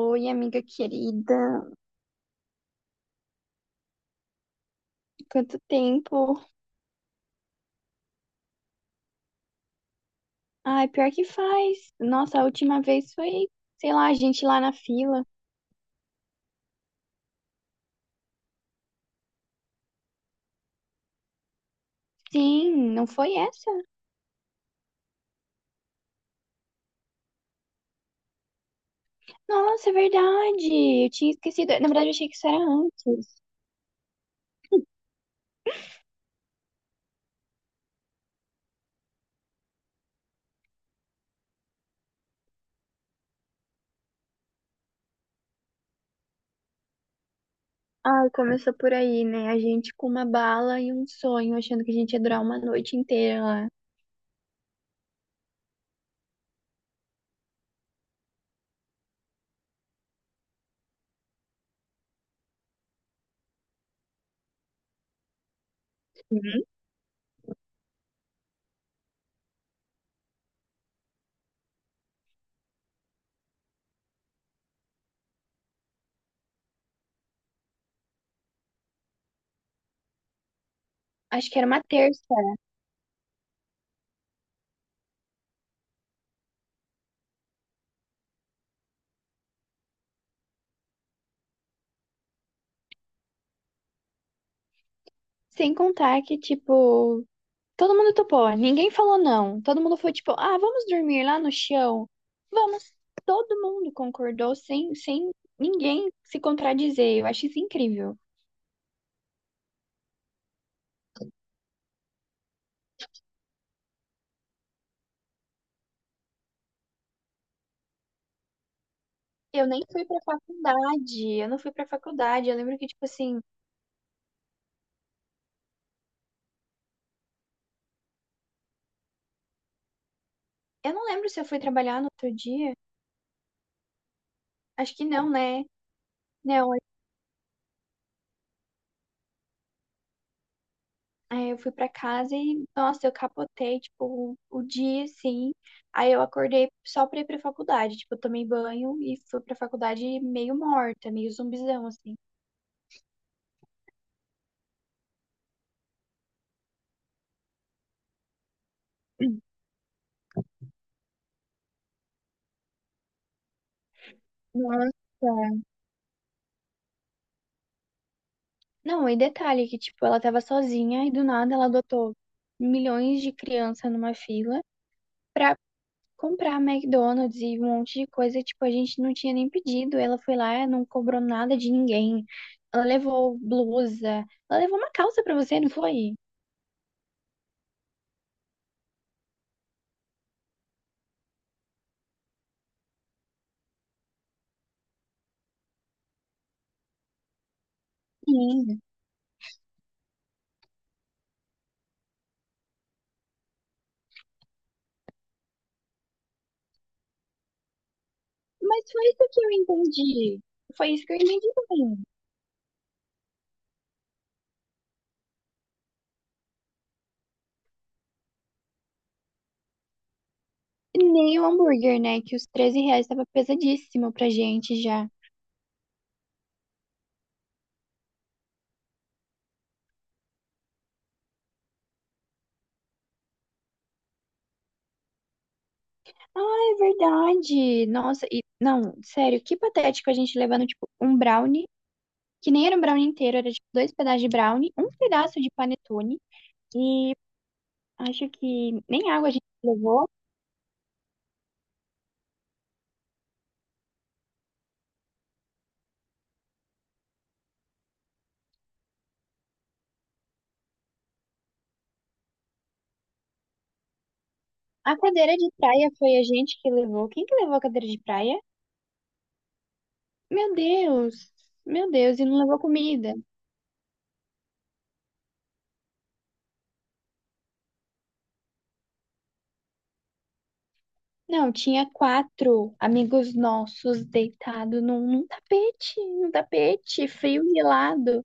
Oi, amiga querida. Quanto tempo? Ai, pior que faz. Nossa, a última vez foi, sei lá, a gente lá na fila. Sim, não foi essa? Nossa, é verdade. Eu tinha esquecido. Na verdade, eu achei que isso era antes. Ai, começou por aí, né? A gente com uma bala e um sonho, achando que a gente ia durar uma noite inteira lá. Uhum. Acho que era uma terça. Sem contar que, tipo, todo mundo topou, ninguém falou não. Todo mundo foi tipo, ah, vamos dormir lá no chão? Vamos. Todo mundo concordou sem ninguém se contradizer. Eu acho isso incrível. Eu nem fui pra faculdade, eu não fui pra faculdade. Eu lembro que, tipo assim, eu não lembro se eu fui trabalhar no outro dia. Acho que não, né? Não, aí eu fui pra casa e, nossa, eu capotei, tipo, o dia, assim. Aí eu acordei só pra ir pra faculdade. Tipo, eu tomei banho e fui pra faculdade meio morta, meio zumbizão, assim. Nossa. Não, e detalhe que, tipo, ela tava sozinha e do nada ela adotou milhões de crianças numa fila pra comprar McDonald's e um monte de coisa que, tipo, a gente não tinha nem pedido. Ela foi lá, não cobrou nada de ninguém. Ela levou blusa, ela levou uma calça pra você, não foi? Sim. Mas foi isso que eu entendi. Foi isso que eu entendi também. Nem o hambúrguer, né? Que os 13 reais tava pesadíssimo pra gente já. Ah, é verdade. Nossa, e não, sério, que patético a gente levando tipo um brownie, que nem era um brownie inteiro, era tipo dois pedaços de brownie, um pedaço de panetone e acho que nem água a gente levou. A cadeira de praia foi a gente que levou. Quem que levou a cadeira de praia? Meu Deus. Meu Deus, e não levou comida. Não, tinha quatro amigos nossos deitados num tapete, num tapete frio e gelado.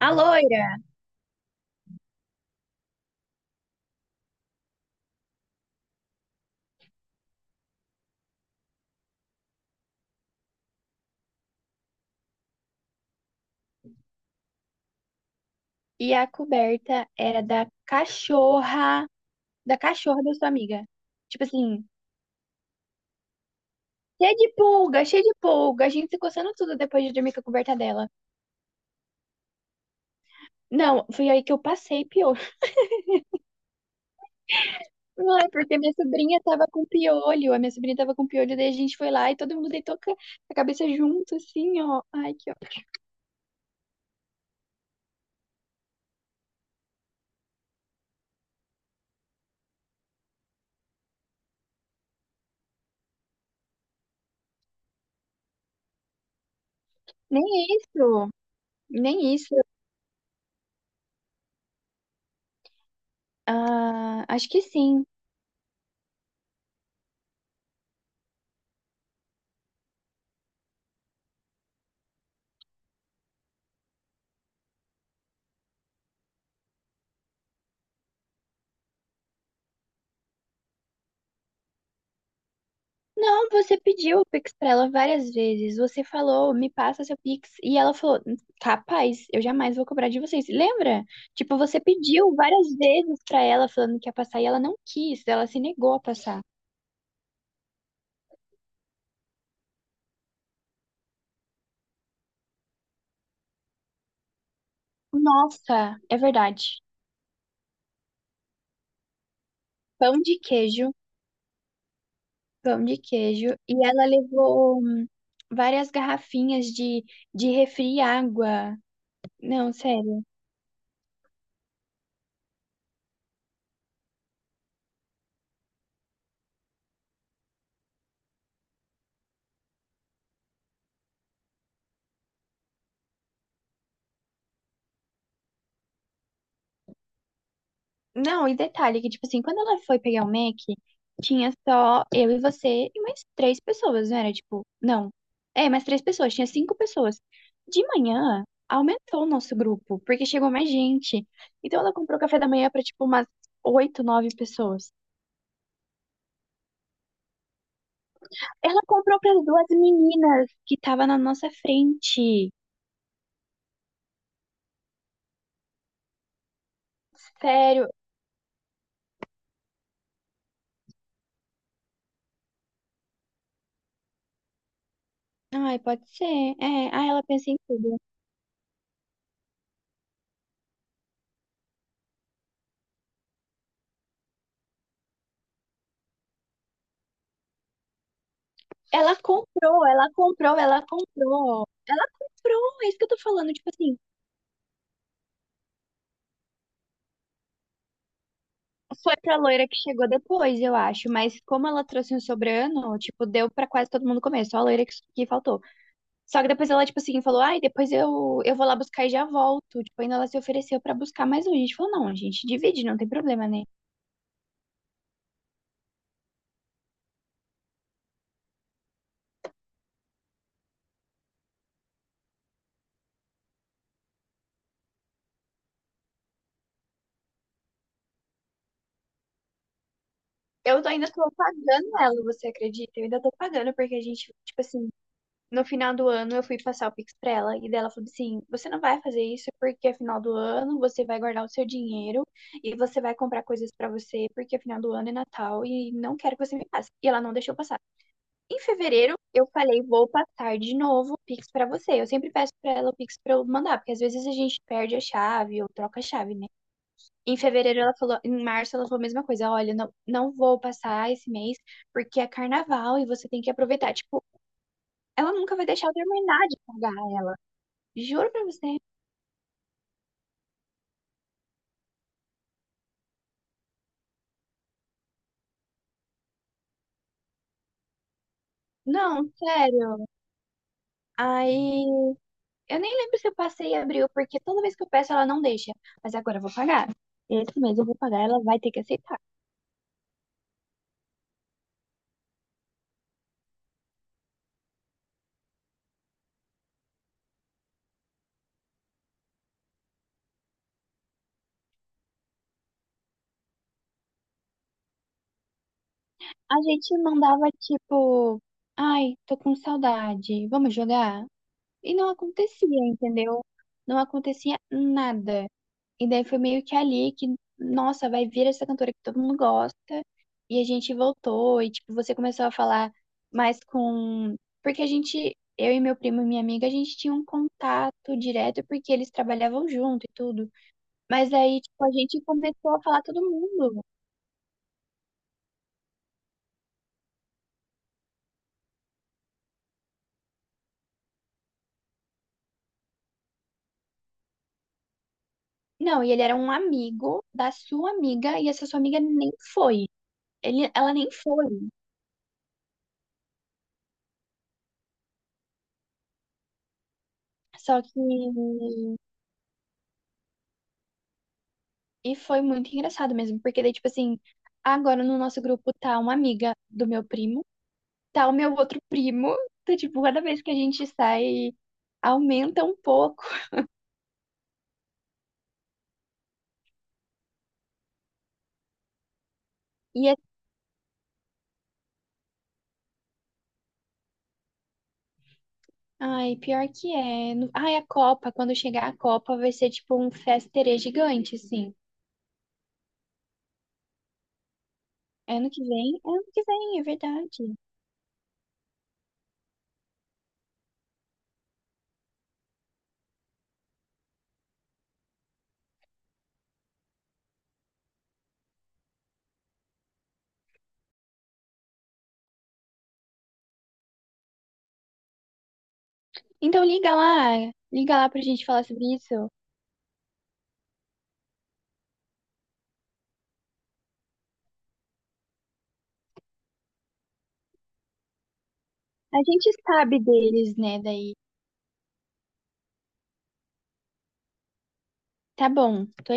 A loira. E a coberta era da cachorra, da cachorra da sua amiga. Tipo assim, cheia de pulga, a gente se coçando tudo depois de dormir com a coberta dela. Não, foi aí que eu passei piolho. Não é porque minha sobrinha tava com piolho, a minha sobrinha tava com piolho, daí a gente foi lá e todo mundo deitou a cabeça junto, assim, ó. Ai, que ó. Nem isso, nem isso. Ah, acho que sim. Não, você pediu o Pix pra ela várias vezes. Você falou, me passa seu Pix. E ela falou, capaz, eu jamais vou cobrar de vocês. Lembra? Tipo, você pediu várias vezes pra ela falando que ia passar e ela não quis, ela se negou a passar. Nossa, é verdade. Pão de queijo, pão de queijo. E ela levou várias garrafinhas de refri e água. Não, sério. Não, e detalhe que, tipo assim, quando ela foi pegar o Mac, tinha só eu e você e mais três pessoas, não era? Tipo, não. É, mais três pessoas, tinha cinco pessoas. De manhã, aumentou o nosso grupo, porque chegou mais gente. Então ela comprou café da manhã pra, tipo, umas oito, nove pessoas. Ela comprou para duas meninas que estavam na nossa frente. Sério. Ai, pode ser. É, ai, ela pensa em tudo. Ela comprou, ela comprou, ela comprou. Ela comprou, é isso que eu tô falando, tipo assim. Foi pra loira que chegou depois, eu acho. Mas como ela trouxe um sobrano, tipo, deu pra quase todo mundo comer. Só a loira que faltou. Só que depois ela, tipo assim, falou: Ai, depois eu vou lá buscar e já volto. Tipo, ainda ela se ofereceu pra buscar mais um. A gente falou: Não, a gente divide, não tem problema, né? Ainda tô pagando ela, você acredita? Eu ainda tô pagando, porque a gente, tipo assim, no final do ano eu fui passar o Pix pra ela e dela falou assim: "Você não vai fazer isso porque é final do ano, você vai guardar o seu dinheiro e você vai comprar coisas pra você porque é final do ano é Natal e não quero que você me passe". E ela não deixou passar. Em fevereiro eu falei: "Vou passar de novo o Pix pra você". Eu sempre peço pra ela o Pix pra eu mandar, porque às vezes a gente perde a chave ou troca a chave, né? Em fevereiro ela falou, em março ela falou a mesma coisa, olha, não, não vou passar esse mês porque é carnaval e você tem que aproveitar. Tipo, ela nunca vai deixar eu terminar de pagar. Juro pra você. Não, sério. Aí, eu nem lembro se eu passei e abriu, porque toda vez que eu peço ela não deixa. Mas agora eu vou pagar. Esse mês eu vou pagar, ela vai ter que aceitar. A gente mandava tipo, ai, tô com saudade, vamos jogar? E não acontecia, entendeu? Não acontecia nada. E daí foi meio que ali que, nossa, vai vir essa cantora que todo mundo gosta. E a gente voltou, e tipo, você começou a falar mais com. Porque a gente, eu e meu primo e minha amiga, a gente tinha um contato direto porque eles trabalhavam junto e tudo. Mas aí, tipo, a gente começou a falar todo mundo. Não, e ele era um amigo da sua amiga, e essa sua amiga nem foi. Ele, ela nem foi. Só que e foi muito engraçado mesmo, porque daí, tipo assim, agora no nosso grupo tá uma amiga do meu primo, tá o meu outro primo. Então, tipo, cada vez que a gente sai, aumenta um pouco. E é... Ai, pior que é. Ai, a Copa, quando chegar a Copa, vai ser tipo um festerê gigante, assim. É ano que vem? É ano que vem, é verdade. Então liga lá pra gente falar sobre isso. A gente sabe deles, né? Daí. Tá bom, tô